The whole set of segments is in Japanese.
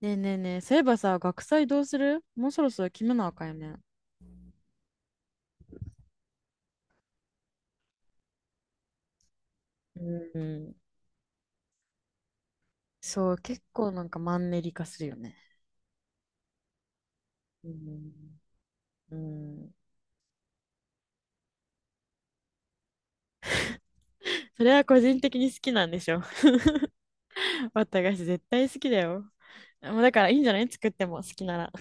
ねえねえねえ、そういえばさ、学祭どうする？もうそろそろ決めなあかんよね。うん、そう、結構なんかマンネリ化するよね。うん、うん、それは個人的に好きなんでしょ？私絶対好きだよ。もうだからいいんじゃない？作っても好きなら。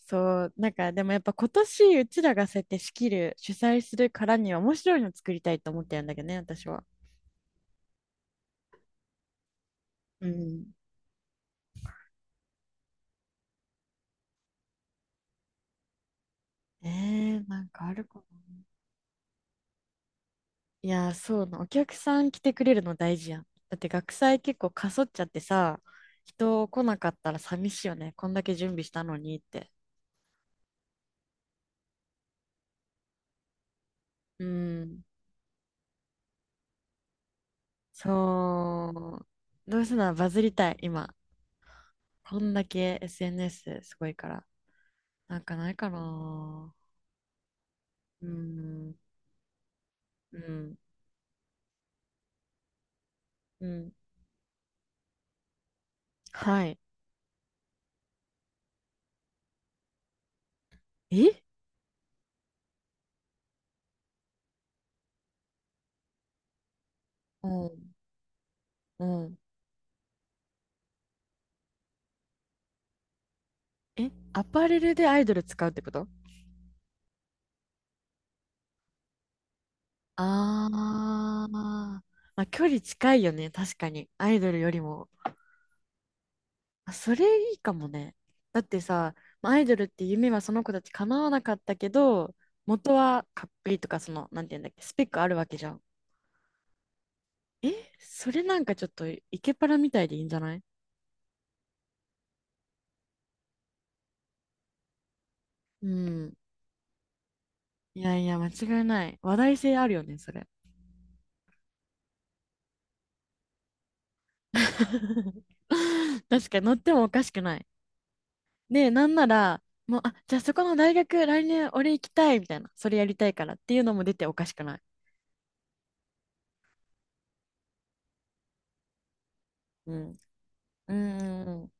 そう、なんかでもやっぱ今年うちらがそうやって仕切る、主催するからには面白いの作りたいと思ってるんだけどね、私は。うん。なんかあるか？いやー、そうな。お客さん来てくれるの大事やん。だって学祭結構かそっちゃってさ、人来なかったら寂しいよね。こんだけ準備したのにって。うん。そう。どうせならバズりたい、今。こんだけ SNS すごいから。なんかないかな。うん。うん。うん。はい。え、うん。うん。え、アパレルでアイドル使うってこと？ああ、まあ、距離近いよね、確かに。アイドルよりも。あ、それいいかもね。だってさ、まあアイドルって夢はその子たち叶わなかったけど、元はかっこいいとか、その、なんていうんだっけ、スペックあるわけじゃん。え、それなんかちょっと、イケパラみたいでいいんじゃない？うん。いやいや、間違いない。話題性あるよね、それ。確かに乗ってもおかしくない。で、なんなら、もう、あ、じゃあそこの大学、来年俺行きたいみたいな、それやりたいからっていうのも出ておかしくない。うん。うん。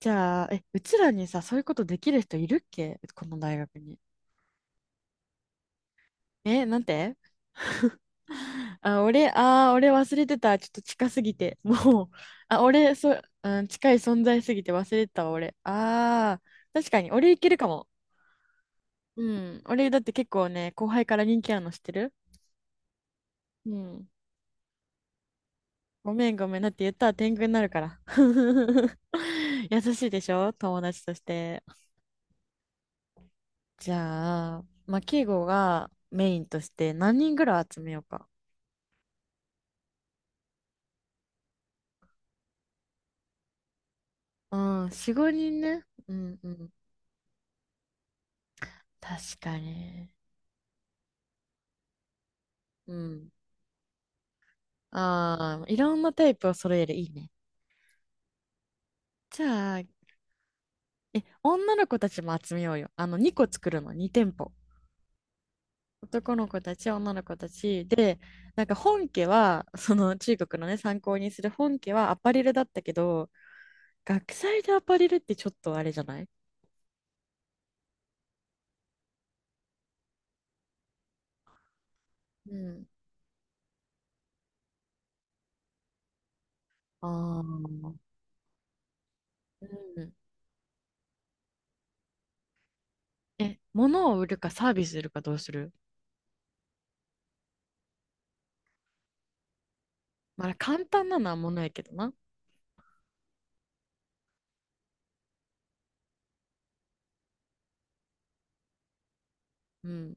じゃあ、え、うちらにさ、そういうことできる人いるっけ、この大学に？え、なんて？あ、俺、あー、俺忘れてた。ちょっと近すぎて。もう、あ、俺、そう、うん、近い存在すぎて忘れてたわ、俺。あー、確かに、俺いけるかも。うん。俺、だって結構ね、後輩から人気あるの知ってる？うん。ごめんごめん。だって言ったら天狗になるから。優しいでしょ友達として。じゃあ、まあ、敬語がメインとして何人ぐらい集めようか。うん、4、5人ね。うんうん。確かに。うん。ああ、いろんなタイプを揃える。いいね。じゃあ、え、女の子たちも集めようよ。あの、2個作るの、2店舗。男の子たち、女の子たち。で、なんか本家は、その中国のね、参考にする本家はアパレルだったけど、学祭でアパレルってちょっとあれじゃない？うん。ああ。うん。え、物を売るかサービスするか、どうする？まあ、簡単なのは物やけどな。うん。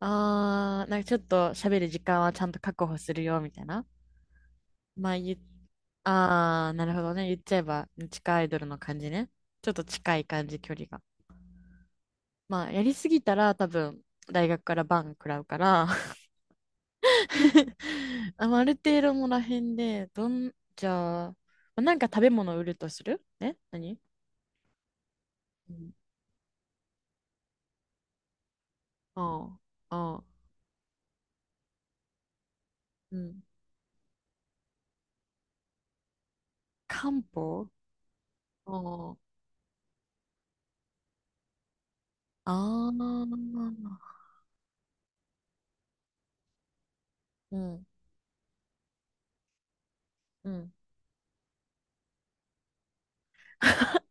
ああ、なんかちょっと喋る時間はちゃんと確保するよ、みたいな。まあ、言っ、あー、なるほどね。言っちゃえば、地下アイドルの感じね。ちょっと近い感じ、距離が。まあ、やりすぎたら多分、大学からバン食らうから。 まあある程度もらへんで、じゃあ、まあなんか食べ物を売るとする？え、何？うん。ああ、ああ、うん。漢方？ああ、ああ、うん、うん。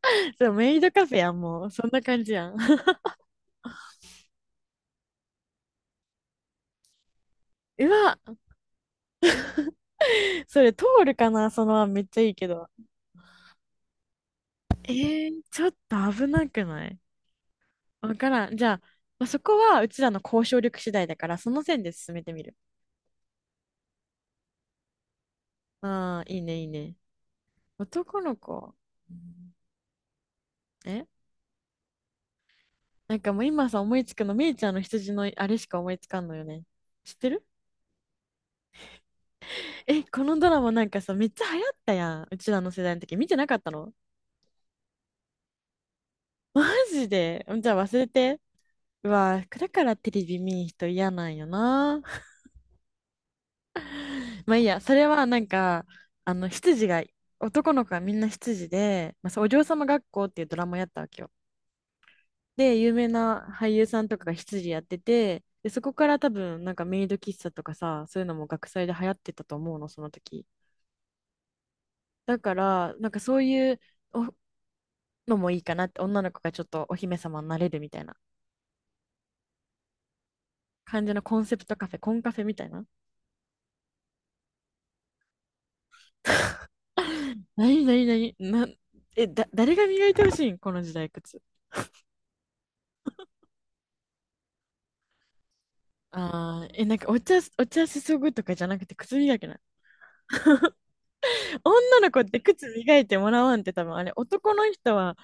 そう、メイドカフェやん、もう。そんな感じやん。うわ、それ通るかな？その案めっちゃいいけど。ちょっと危なくない？わからん。じゃあ、まあ、そこはうちらの交渉力次第だから、その線で進めてみる。ああ、いいね、いいね。男の子。え、なんかもう今さ、思いつくの、みイちゃんの羊のあれしか思いつかんのよね。知ってる？え、このドラマなんかさ、めっちゃ流行ったやん。うちらの世代の時、見てなかったの？マジで？じゃあ忘れて。うわ、だからテレビ見ん人嫌なんよな。まあいいや、それはなんか、羊が、男の子はみんな羊で、まあ、そうお嬢様学校っていうドラマやったわけよ。で、有名な俳優さんとかが執事やってて、で、そこから多分、なんかメイド喫茶とかさ、そういうのも学祭で流行ってたと思うの、その時。だから、なんかそういうおのもいいかなって、女の子がちょっとお姫様になれるみたいな感じのコンセプトカフェ、コンカフェみたいな。なになになにな、え、誰が磨いてほしいん、この時代靴？ああ、え、なんかお茶、お茶注ぐとかじゃなくて靴磨きな。女の子って靴磨いてもらわんって多分あれ、男の人は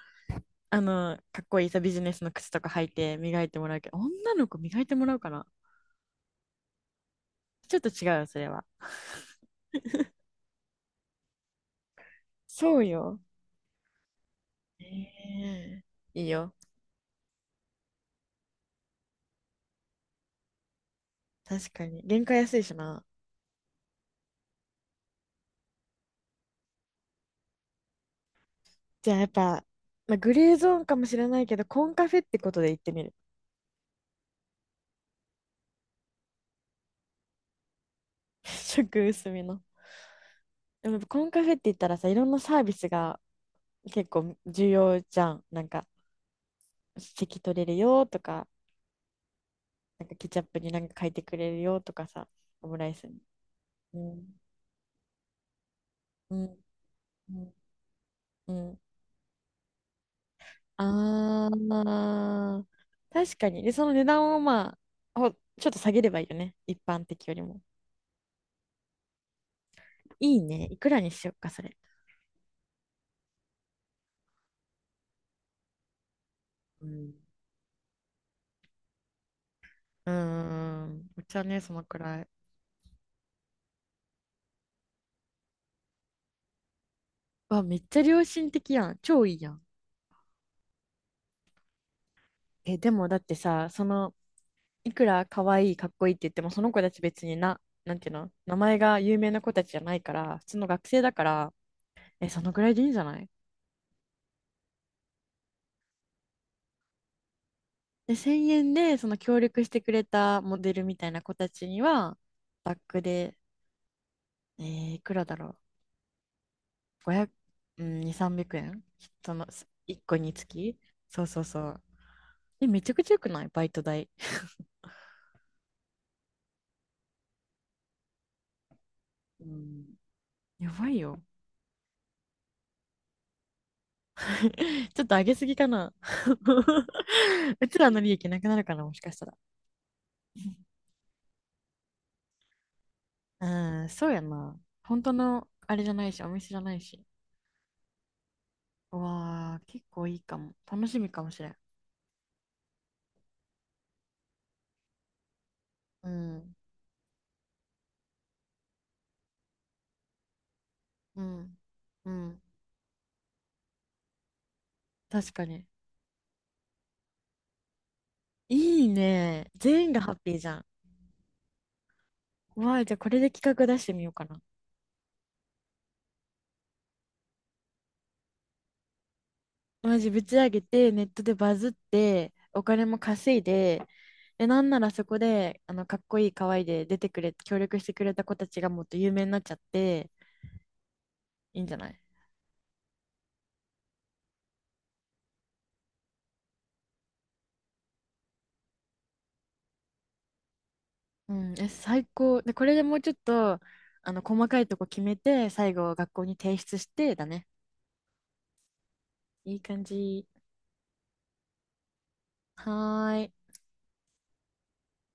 かっこいいさ、ビジネスの靴とか履いて磨いてもらうけど、女の子磨いてもらうかな？ちょっと違うよ、それは。そうよ。ええ、いいよ。確かに。原価安いしな。じゃあやっぱ、まあ、グレーゾーンかもしれないけど、コンカフェってことで行ってみる。食薄めの。でもやっぱコンカフェって言ったらさ、いろんなサービスが結構重要じゃん。なんか、席取れるよとか、なんかケチャップになんか書いてくれるよとかさ、オムライスに。うん、うん、うん。うん、ああ、確かに。で、その値段をまあ、ちょっと下げればいいよね。一般的よりも。いいね。いくらにしよっか、それ。うん。うーん。お茶ね、そのくらい。わ、めっちゃ良心的やん。超いいやん。え、でもだってさ、その、いくら可愛い、かっこいいって言っても、その子たち別にな、なんていうの、名前が有名な子たちじゃないから、普通の学生だから、え、そのぐらいでいいんじゃない？で、1000円で、その協力してくれたモデルみたいな子たちには、バックで、いくらだろう。500、うん、2、300円、その、1個につき、そうそうそう。え、めちゃくちゃよくない？バイト代。うん、やばいよ。ちょっと上げすぎかな。うちらの利益なくなるかな、もしかしたら。うん、そうやな。本当のあれじゃないし、お店じゃないし。うわあ、結構いいかも。楽しみかもしれん。うん、うん、うん。確かに。いいね。全員がハッピーじゃん。うわあ、じゃあこれで企画出してみようかな。マジぶち上げて、ネットでバズって、お金も稼いで、で、なんならそこで、かっこいい、可愛いで出てくれ、協力してくれた子たちがもっと有名になっちゃって、いいんじゃない？うん、え、最高。で、これでもうちょっと、細かいとこ決めて、最後、学校に提出して、だね。いい感じ。はーい。